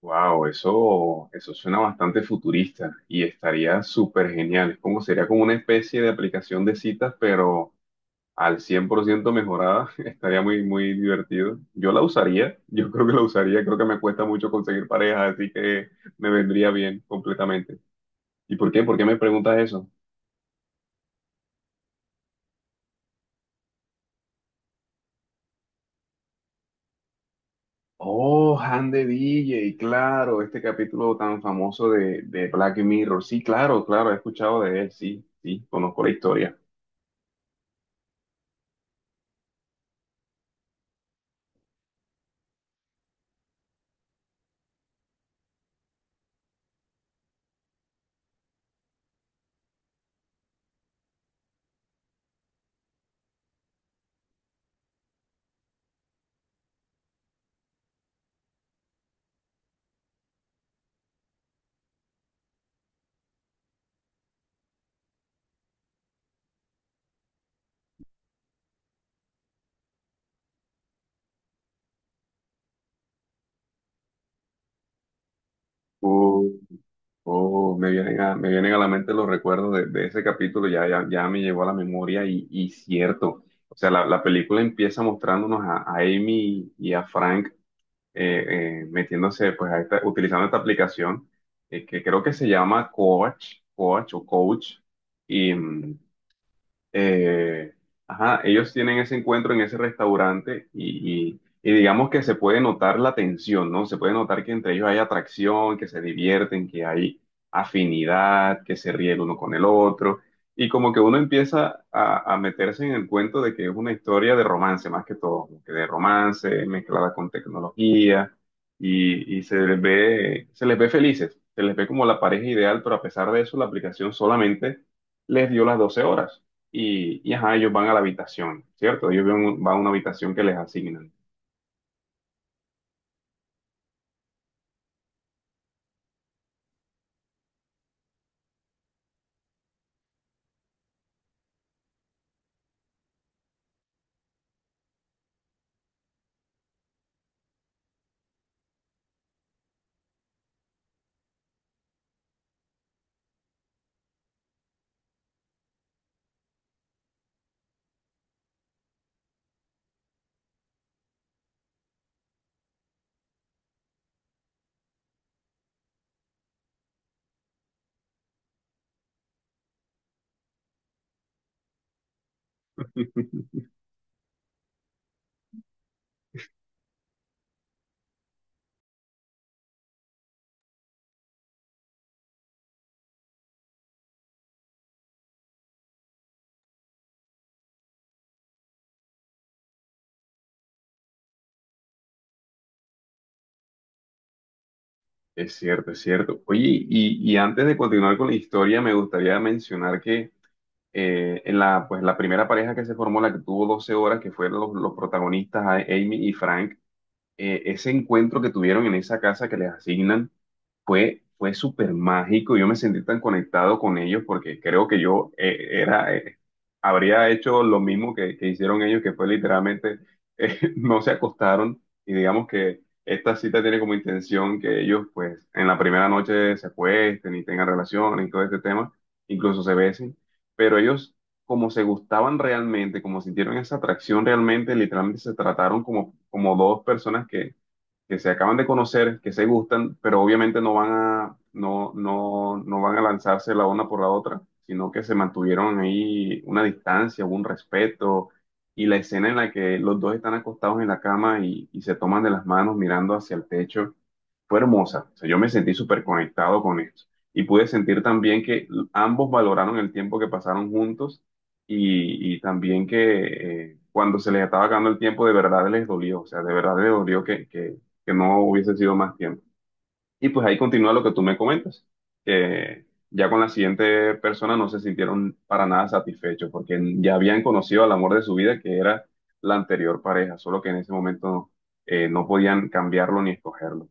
Wow, eso suena bastante futurista y estaría súper genial. Es como sería como una especie de aplicación de citas, pero al 100% mejorada. Estaría muy divertido. Yo la usaría, yo creo que la usaría. Creo que me cuesta mucho conseguir pareja, así que me vendría bien completamente. ¿Y por qué? ¿Por qué me preguntas eso? Oh, Han de DJ, claro, este capítulo tan famoso de Black Mirror. Sí, claro, claro, he escuchado de él, sí, sí, conozco la historia. Oh, me vienen a la mente los recuerdos de ese capítulo, ya me llegó a la memoria y cierto, o sea, la película empieza mostrándonos a Amy y a Frank metiéndose, pues, utilizando esta aplicación que creo que se llama Coach, eh, ajá, ellos tienen ese encuentro en ese restaurante y digamos que se puede notar la tensión, ¿no? Se puede notar que entre ellos hay atracción, que se divierten, que hay afinidad, que se ríe el uno con el otro. Y como que uno empieza a meterse en el cuento de que es una historia de romance, más que todo, como que de romance mezclada con tecnología y se les ve felices, se les ve como la pareja ideal, pero a pesar de eso, la aplicación solamente les dio las 12 horas ajá, ellos van a la habitación, ¿cierto? Ellos van a una habitación que les asignan. Es cierto, es cierto. Oye, y antes de continuar con la historia, me gustaría mencionar que en la, pues, la primera pareja que se formó, la que tuvo 12 horas, que fueron los protagonistas, Amy y Frank, ese encuentro que tuvieron en esa casa que les asignan fue, fue súper mágico. Yo me sentí tan conectado con ellos porque creo que yo habría hecho lo mismo que hicieron ellos, que fue literalmente, no se acostaron y digamos que esta cita tiene como intención que ellos pues en la primera noche se acuesten y tengan relaciones y todo este tema, incluso se besen, pero ellos como se gustaban realmente, como sintieron esa atracción realmente, literalmente se trataron como, como dos personas que se acaban de conocer, que se gustan, pero obviamente no van a lanzarse la una por la otra, sino que se mantuvieron ahí una distancia, un respeto, y la escena en la que los dos están acostados en la cama y se toman de las manos mirando hacia el techo fue hermosa. O sea, yo me sentí súper conectado con esto. Y pude sentir también que ambos valoraron el tiempo que pasaron juntos y también que cuando se les estaba acabando el tiempo, de verdad les dolió. O sea, de verdad les dolió que no hubiese sido más tiempo. Y pues ahí continúa lo que tú me comentas, que ya con la siguiente persona no se sintieron para nada satisfechos porque ya habían conocido al amor de su vida, que era la anterior pareja, solo que en ese momento no podían cambiarlo ni escogerlo.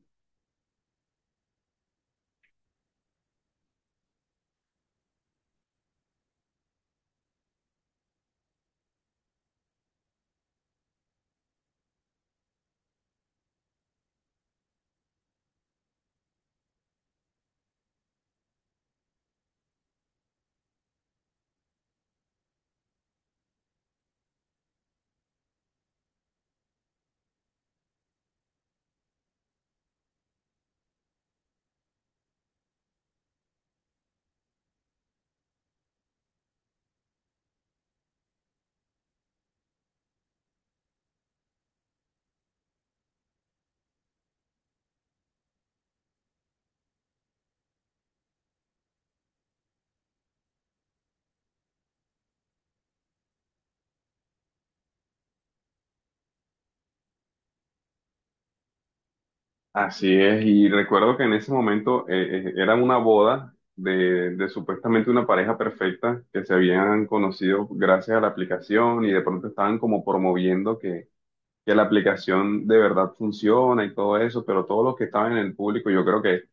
Así es, y recuerdo que en ese momento era una boda de supuestamente una pareja perfecta que se habían conocido gracias a la aplicación y de pronto estaban como promoviendo que la aplicación de verdad funciona y todo eso, pero todos los que estaban en el público yo creo que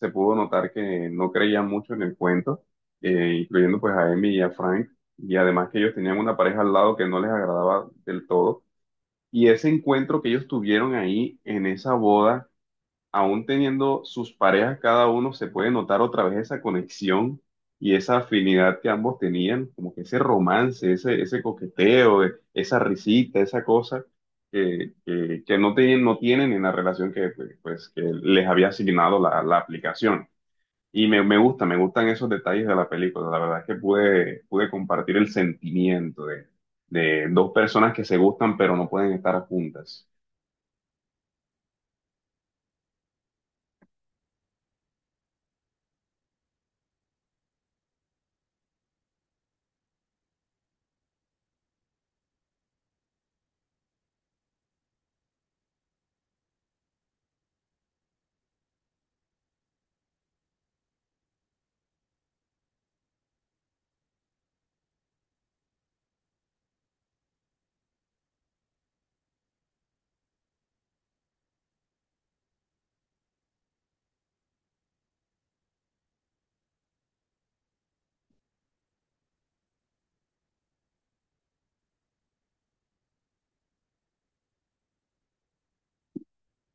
se pudo notar que no creían mucho en el cuento, incluyendo pues a Emi y a Frank, y además que ellos tenían una pareja al lado que no les agradaba del todo. Y ese encuentro que ellos tuvieron ahí en esa boda aún teniendo sus parejas cada uno, se puede notar otra vez esa conexión y esa afinidad que ambos tenían, como que ese romance, ese coqueteo, esa risita, esa cosa que no tienen, no tienen en la relación que, pues, que les había asignado la aplicación. Me gusta, me gustan esos detalles de la película. La verdad es que pude compartir el sentimiento de dos personas que se gustan pero no pueden estar juntas.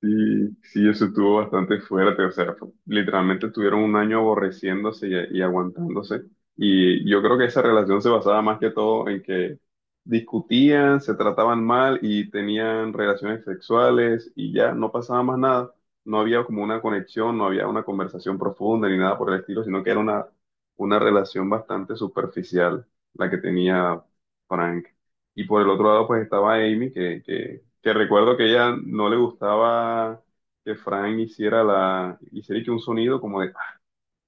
Sí, sí, eso estuvo bastante fuerte, o sea, literalmente estuvieron un año aborreciéndose y aguantándose. Y yo creo que esa relación se basaba más que todo en que discutían, se trataban mal y tenían relaciones sexuales y ya no pasaba más nada. No había como una conexión, no había una conversación profunda ni nada por el estilo, sino que era una relación bastante superficial la que tenía Frank. Y por el otro lado, pues estaba Amy, que recuerdo que ella no le gustaba que Frank hiciera hiciera que un sonido como de, ah,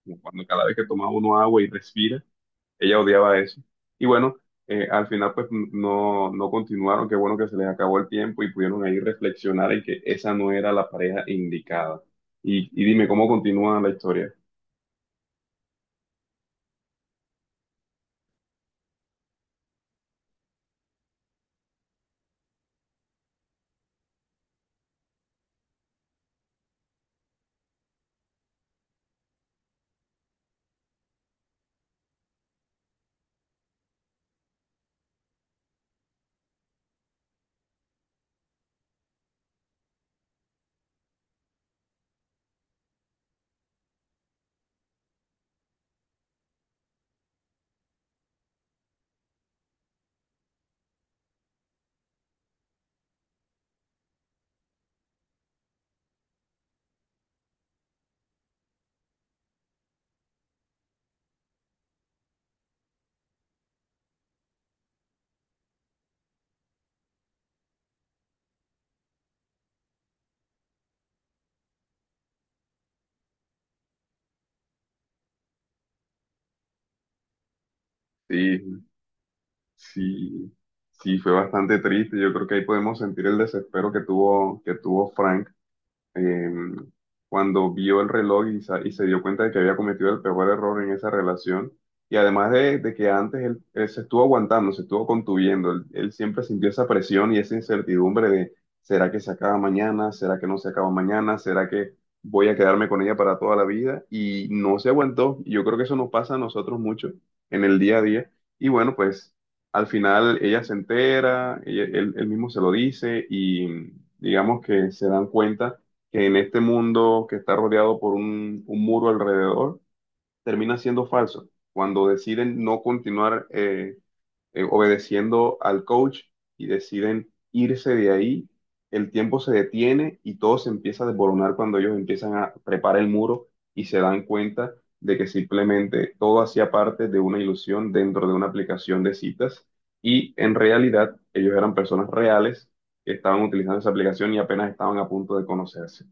como cuando cada vez que tomaba uno agua y respira, ella odiaba eso. Y bueno, al final pues no continuaron, qué bueno que se les acabó el tiempo y pudieron ahí reflexionar en que esa no era la pareja indicada. Y dime, ¿cómo continúa la historia? Sí, sí, sí, fue bastante triste. Yo creo que ahí podemos sentir el desespero que tuvo Frank eh, cuando vio el reloj y y se dio cuenta de que había cometido el peor error en esa relación. Y además de que antes él se estuvo aguantando, se estuvo contuyendo, él siempre sintió esa presión y esa incertidumbre de, ¿será que se acaba mañana? ¿Será que no se acaba mañana? ¿Será que voy a quedarme con ella para toda la vida? Y no se aguantó. Y yo creo que eso nos pasa a nosotros mucho en el día a día. Y bueno, pues al final ella se entera, él mismo se lo dice y digamos que se dan cuenta que en este mundo que está rodeado por un muro alrededor, termina siendo falso. Cuando deciden no continuar obedeciendo al coach y deciden irse de ahí, el tiempo se detiene y todo se empieza a desboronar cuando ellos empiezan a preparar el muro y se dan cuenta de que simplemente todo hacía parte de una ilusión dentro de una aplicación de citas y en realidad ellos eran personas reales que estaban utilizando esa aplicación y apenas estaban a punto de conocerse.